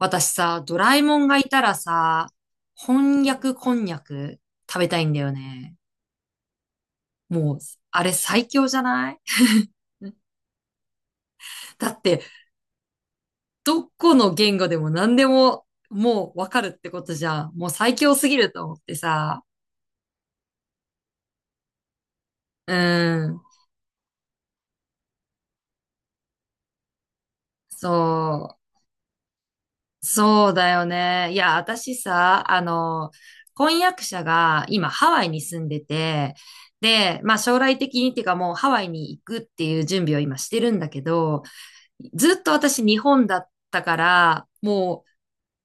私さ、ドラえもんがいたらさ、翻訳こんにゃく食べたいんだよね。もう、あれ最強じゃない？ だって、どこの言語でも何でももうわかるってことじゃん。もう最強すぎると思ってさ。うん。そう。そうだよね。いや、私さ、婚約者が今ハワイに住んでて、で、まあ将来的にっていうかもうハワイに行くっていう準備を今してるんだけど、ずっと私日本だったから、も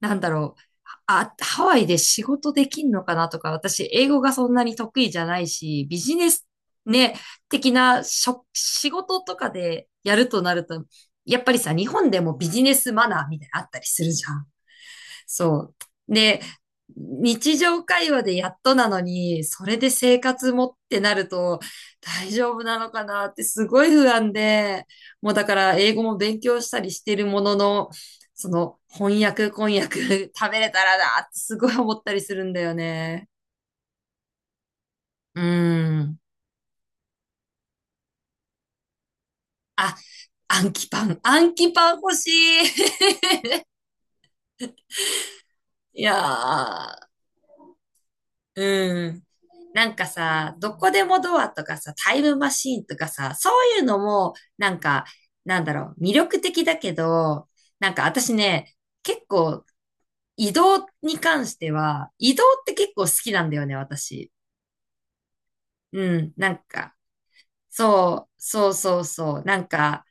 う、なんだろう。あ、ハワイで仕事できんのかなとか、私、英語がそんなに得意じゃないし、ビジネスね、的な仕事とかでやるとなると、やっぱりさ、日本でもビジネスマナーみたいなのあったりするじゃん。そう。で、日常会話でやっとなのに、それで生活もってなると大丈夫なのかなってすごい不安で、もうだから英語も勉強したりしてるものの、その翻訳 食べれたらなってすごい思ったりするんだよね。うん。あ、暗記パン欲しい。いやー。うん。なんかさ、どこでもドアとかさ、タイムマシーンとかさ、そういうのも、なんか、なんだろう、魅力的だけど、なんか私ね、結構移動に関しては、移動って結構好きなんだよね、私。うん、なんか、そう、そうそうそう、なんか、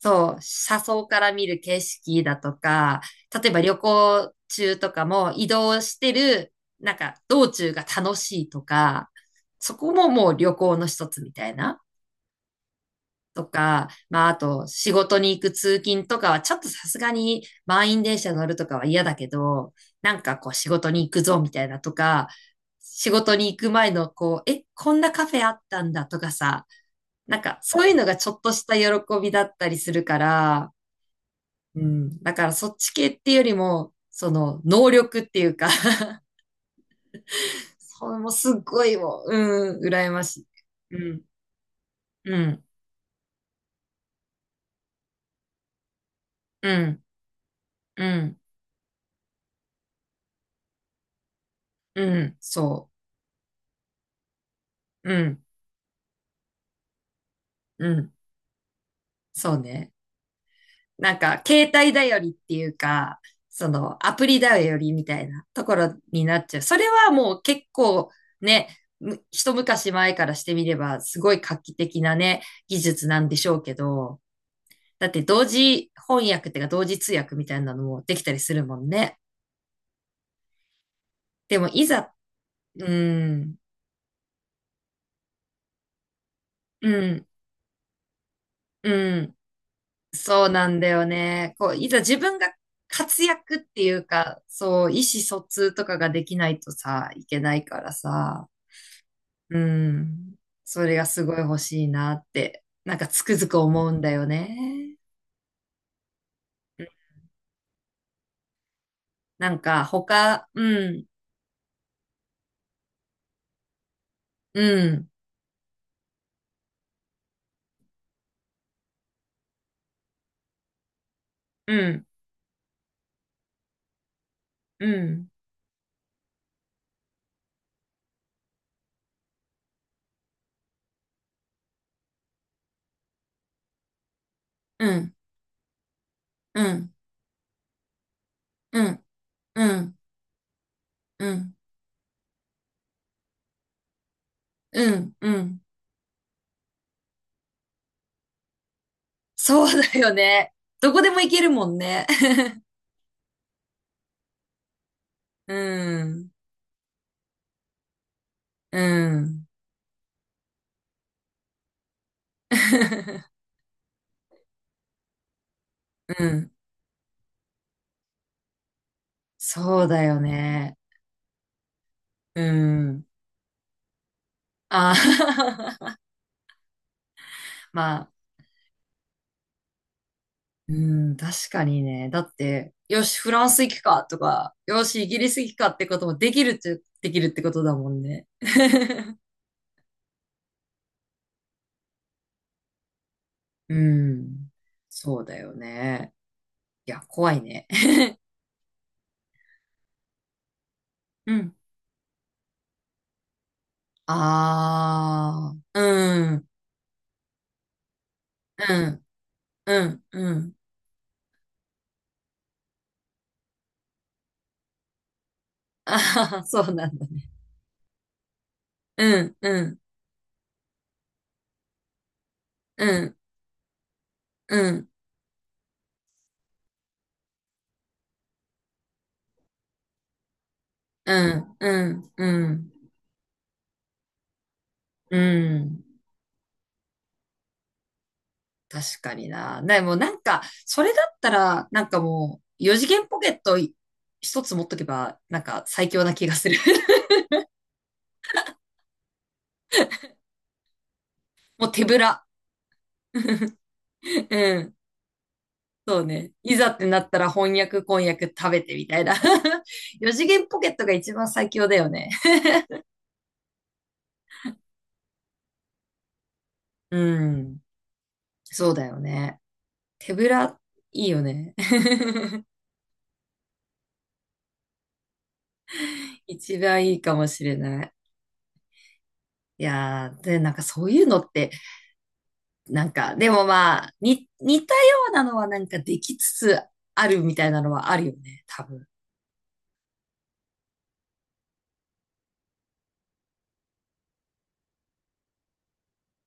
そう、車窓から見る景色だとか、例えば旅行中とかも移動してる、なんか道中が楽しいとか、そこももう旅行の一つみたいな。とか、まああと仕事に行く通勤とかはちょっとさすがに満員電車乗るとかは嫌だけど、なんかこう仕事に行くぞみたいなとか、仕事に行く前のこう、え、こんなカフェあったんだとかさ、なんかそういうのがちょっとした喜びだったりするから、うん。だからそっち系っていうよりも、その、能力っていうか それもすっごいもう、うん、羨ましい。うん、うん、うん、うん、うん、そう、うん、うん、そうね。なんか、携帯頼りっていうか、その、アプリ頼りみたいなところになっちゃう。それはもう結構ね、一昔前からしてみれば、すごい画期的なね、技術なんでしょうけど、だって同時翻訳っていうか同時通訳みたいなのもできたりするもんね。でもいざ、うん、うん、うん、そうなんだよね。こう、いざ自分が活躍っていうか、そう、意思疎通とかができないとさ、いけないからさ、うん、それがすごい欲しいなって、なんかつくづく思うんだよね。うん。なんか他、うん、うん、うん、うん、うん、うん、うん、うん、うん、うん。うん、うん。そうだよね。どこでも行けるもんね。うん、うん。うん。そうだよね。うん。ああ。 まあ、うん、確かにね。だって、よし、フランス行くかとか、よし、イギリス行くかってこともできるっちゃ、できるってことだもんね。うん。そうだよね。いや、怖いね。うん。ああ、うん、うん、うん、うん。ああー、そうなんだね。うん、うん、うん、うん、うん、うん、うん、うん。確かにな。でもなんか、それだったら、なんかもう、四次元ポケット一つ持っとけば、なんか最強な気がする。もう手ぶら。うん。そうね。いざってなったら翻訳、翻訳食べてみたいな。四次元ポケットが一番最強だよね。うん。そうだよね。手ぶら、いいよね。一番いいかもしれない。いやー、で、なんかそういうのって、なんか、でもまあ、似たようなのはなんかできつつあるみたいなのはあるよね、多分。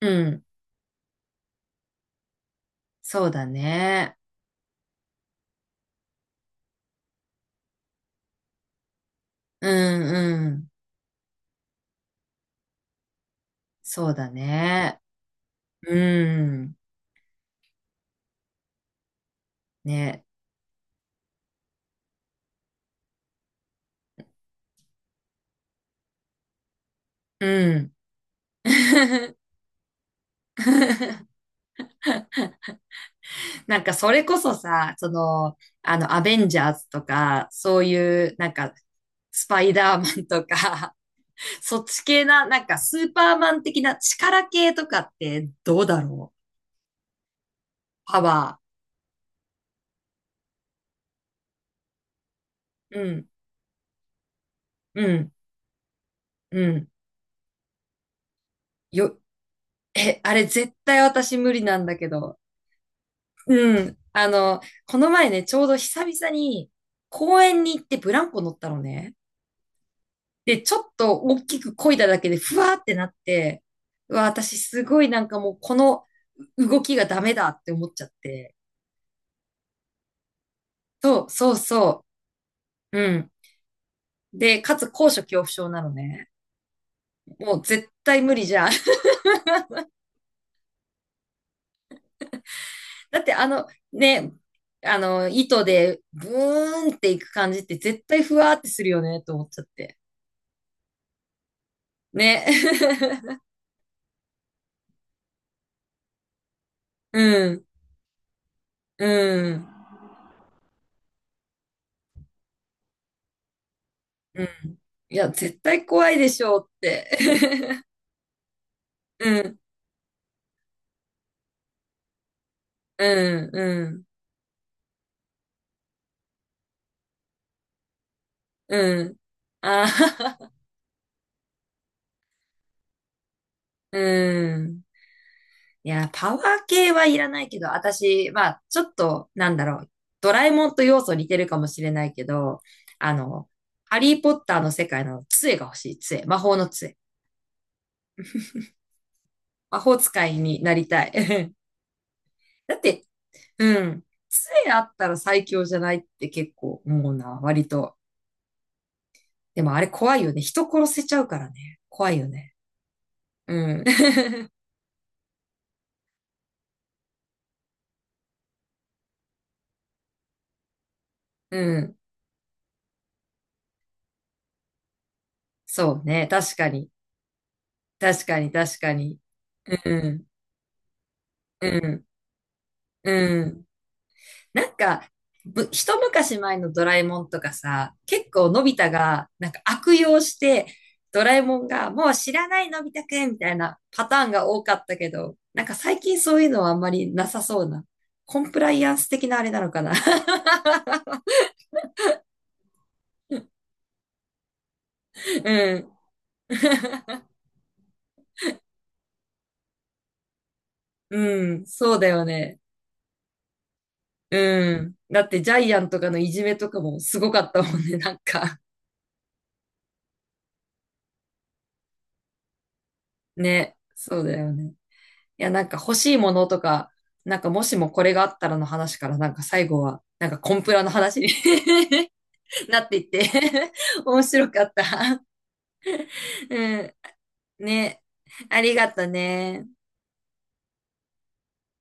うん。そうだね。うんうん。そうだね。うん。ね。うん。なんかそれこそさ、その、アベンジャーズとか、そういう、なんか、スパイダーマンとか、そっち系な、なんかスーパーマン的な力系とかってどうだろう？パワー。うん、うん、うん。よ、え、あれ絶対私無理なんだけど。うん。あの、この前ね、ちょうど久々に公園に行ってブランコ乗ったのね。で、ちょっと大きく漕いだだけでふわーってなって、うわ、私すごいなんかもうこの動きがダメだって思っちゃって。そう、そうそう。うん。で、かつ高所恐怖症なのね。もう絶対無理じゃん。だってあのね、あの糸でブーンっていく感じって絶対ふわーってするよねと思っちゃって。ね。うん、うん、うん。いや、絶対怖いでしょうって。うん、うん、うん、うん。ああ、うん。いや、パワー系はいらないけど、私、まあ、ちょっと、なんだろう、ドラえもんと要素似てるかもしれないけど、あの、ハリー・ポッターの世界の杖が欲しい、杖、魔法の杖。魔法使いになりたい。だって、うん、杖あったら最強じゃないって結構思うな、割と。でもあれ怖いよね。人殺せちゃうからね。怖いよね。うん。うん。そうね。確かに。確かに、確かに。うん。うん。うん。なんか、一昔前のドラえもんとかさ、結構のび太がなんか悪用して、ドラえもんがもう知らないのび太くんみたいなパターンが多かったけど、なんか最近そういうのはあんまりなさそうな。コンプライアンス的なあれなのかな。うん。うん、そうだよね。うん。だってジャイアンとかのいじめとかもすごかったもんね、なんか。ね、そうだよね。いや、なんか欲しいものとか、なんかもしもこれがあったらの話から、なんか最後は、なんかコンプラの話に なっていって 面白かった。うん。ね。ありがとね。